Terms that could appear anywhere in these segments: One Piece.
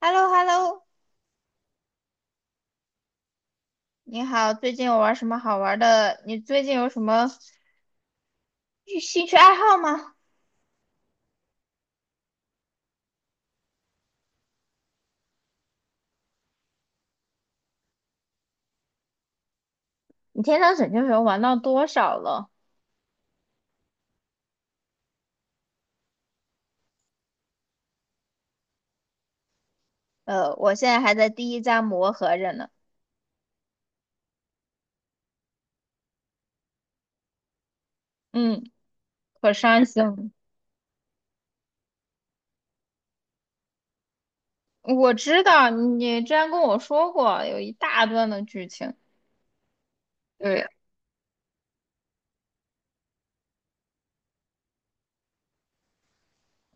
h e l l o h e l l o 你好，最近有玩什么好玩的？你最近有什么兴趣爱好吗？你天堂拯救球玩到多少了？我现在还在第一章磨合着呢。嗯，可伤心了。我知道你之前跟我说过有一大段的剧情。对，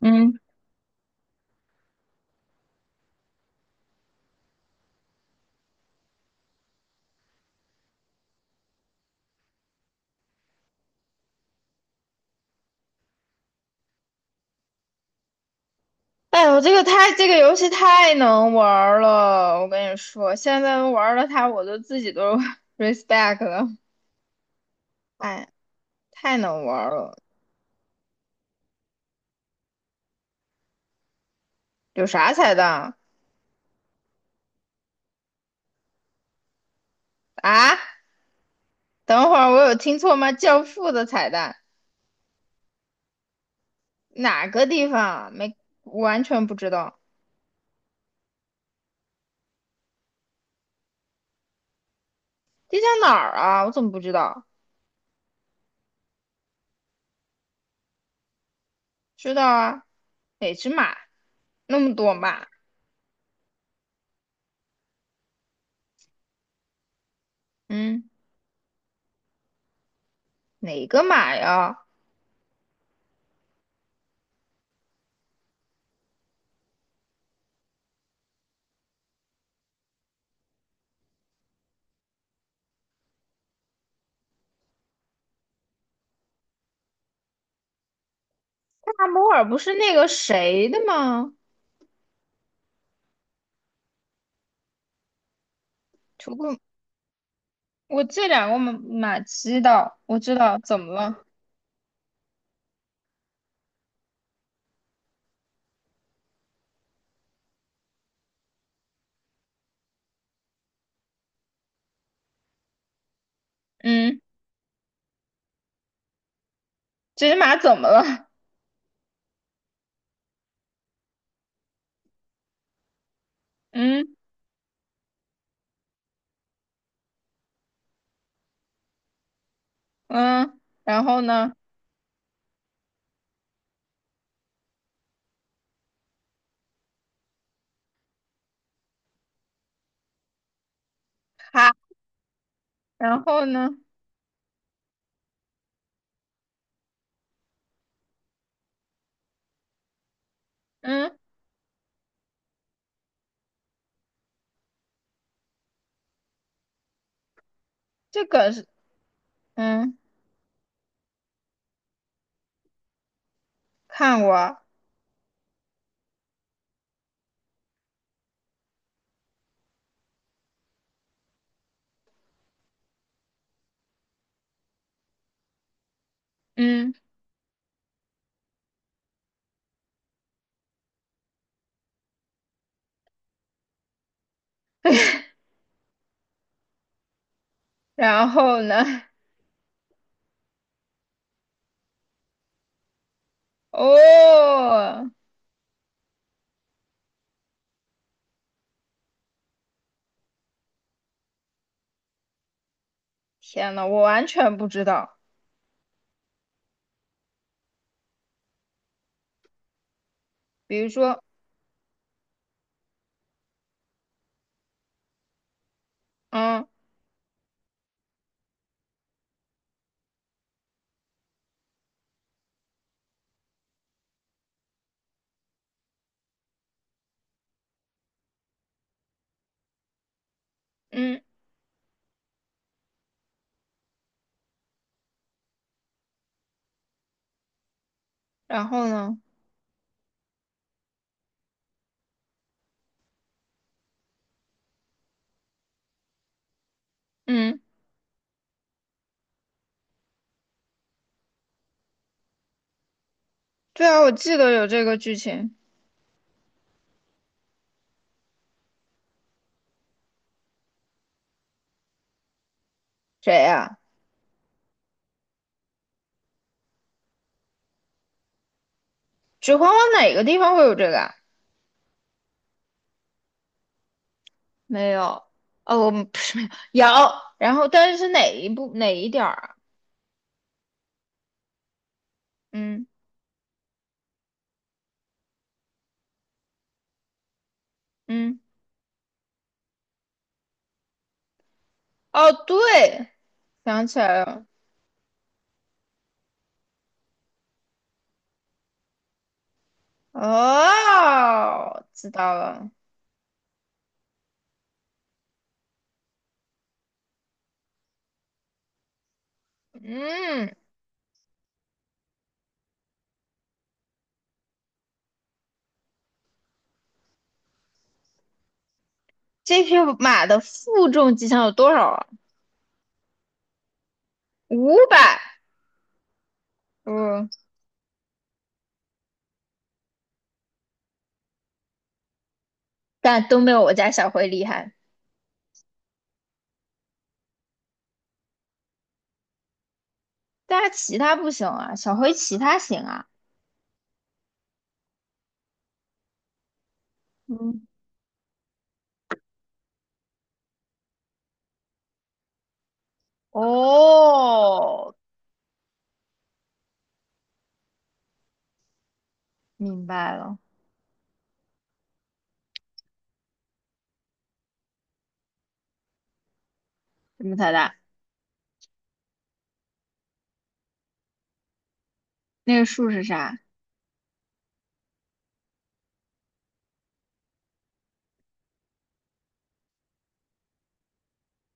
嗯，哎呦，这个太这个游戏太能玩儿了，我跟你说，现在玩了它，我都自己都 respect 了。哎，太能玩儿了，有啥彩蛋啊？啊，等会儿我有听错吗？教父的彩蛋哪个地方啊？没，完全不知道。这叫哪儿啊？我怎么不知道？知道啊，哪只马？那么多马？嗯，哪个马呀？大摩尔不是那个谁的吗？图库，我这两个马知道，我知道怎么了？嗯，这只马怎么了？嗯嗯，然后呢？哈，然后呢？嗯，这个是嗯，看我，嗯。然后呢？哦，天呐，我完全不知道。比如说，嗯嗯，然后呢？嗯，对啊，我记得有这个剧情。谁呀？指环王哪个地方会有这个啊？没有。哦，我们不是没有。有，然后但是是哪一部哪一点儿啊？嗯嗯，哦，对，想起来了。哦，知道了。嗯，这匹马的负重极限有多少啊？500。嗯，但都没有我家小灰厉害。但是其他不行啊，小灰其他行啊。嗯，哦，明白了，这么太大。那个数是啥？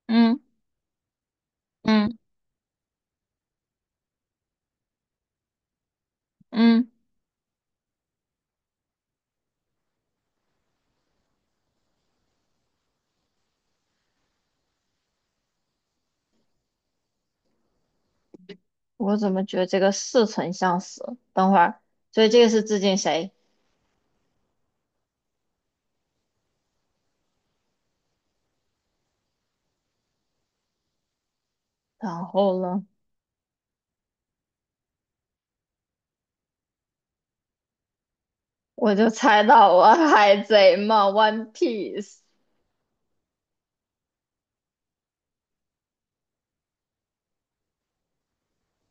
嗯嗯嗯，我怎么觉得这个似曾相识？等会儿，所以这个是致敬谁？然后呢，我就猜到我海贼嘛，One Piece。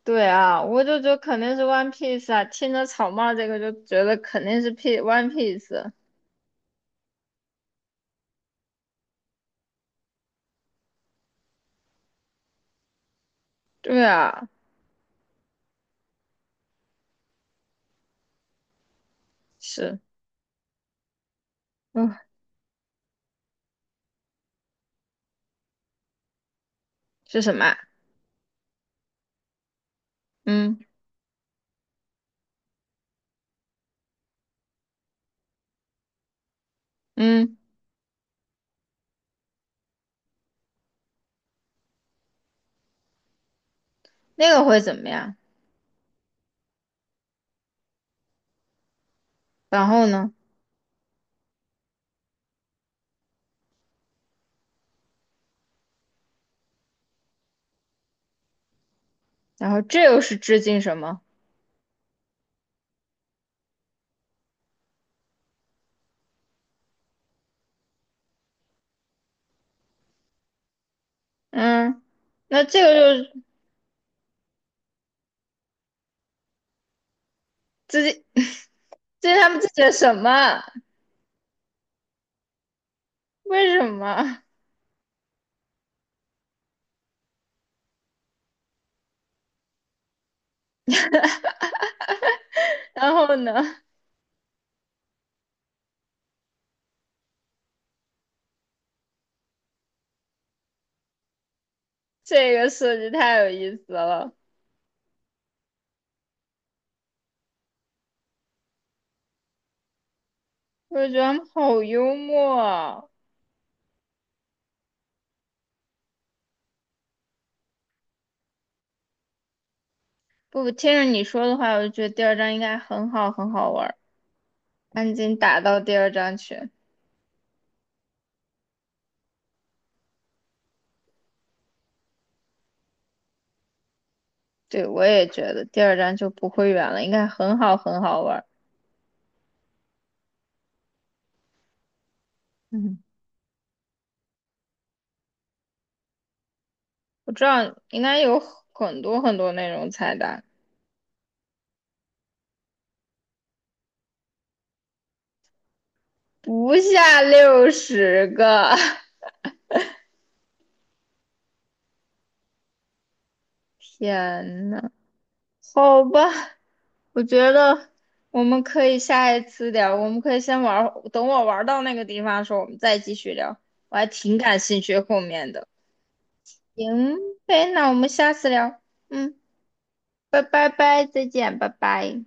对啊，我就觉得肯定是 One Piece 啊，听着草帽这个就觉得肯定是 One Piece。对啊，是。嗯，是什么啊？嗯嗯，那个会怎么样？然后呢？然后这又是致敬什么？嗯，那这个就是致敬 这是他们自己的什么？为什么？然后呢？这个设计太有意思了，我就觉得他们好幽默啊。不，听着你说的话，我就觉得第二章应该很好，很好玩儿。赶紧打到第二章去。对，我也觉得第二章就不会远了，应该很好，很好玩儿。嗯。我知道应该有很多很多那种菜单，不下60个。天呐，好吧，我觉得我们可以下一次聊，我们可以先玩儿，等我玩到那个地方的时候，我们再继续聊。我还挺感兴趣后面的。行呗，那我们下次聊。嗯，拜拜拜，再见，拜拜。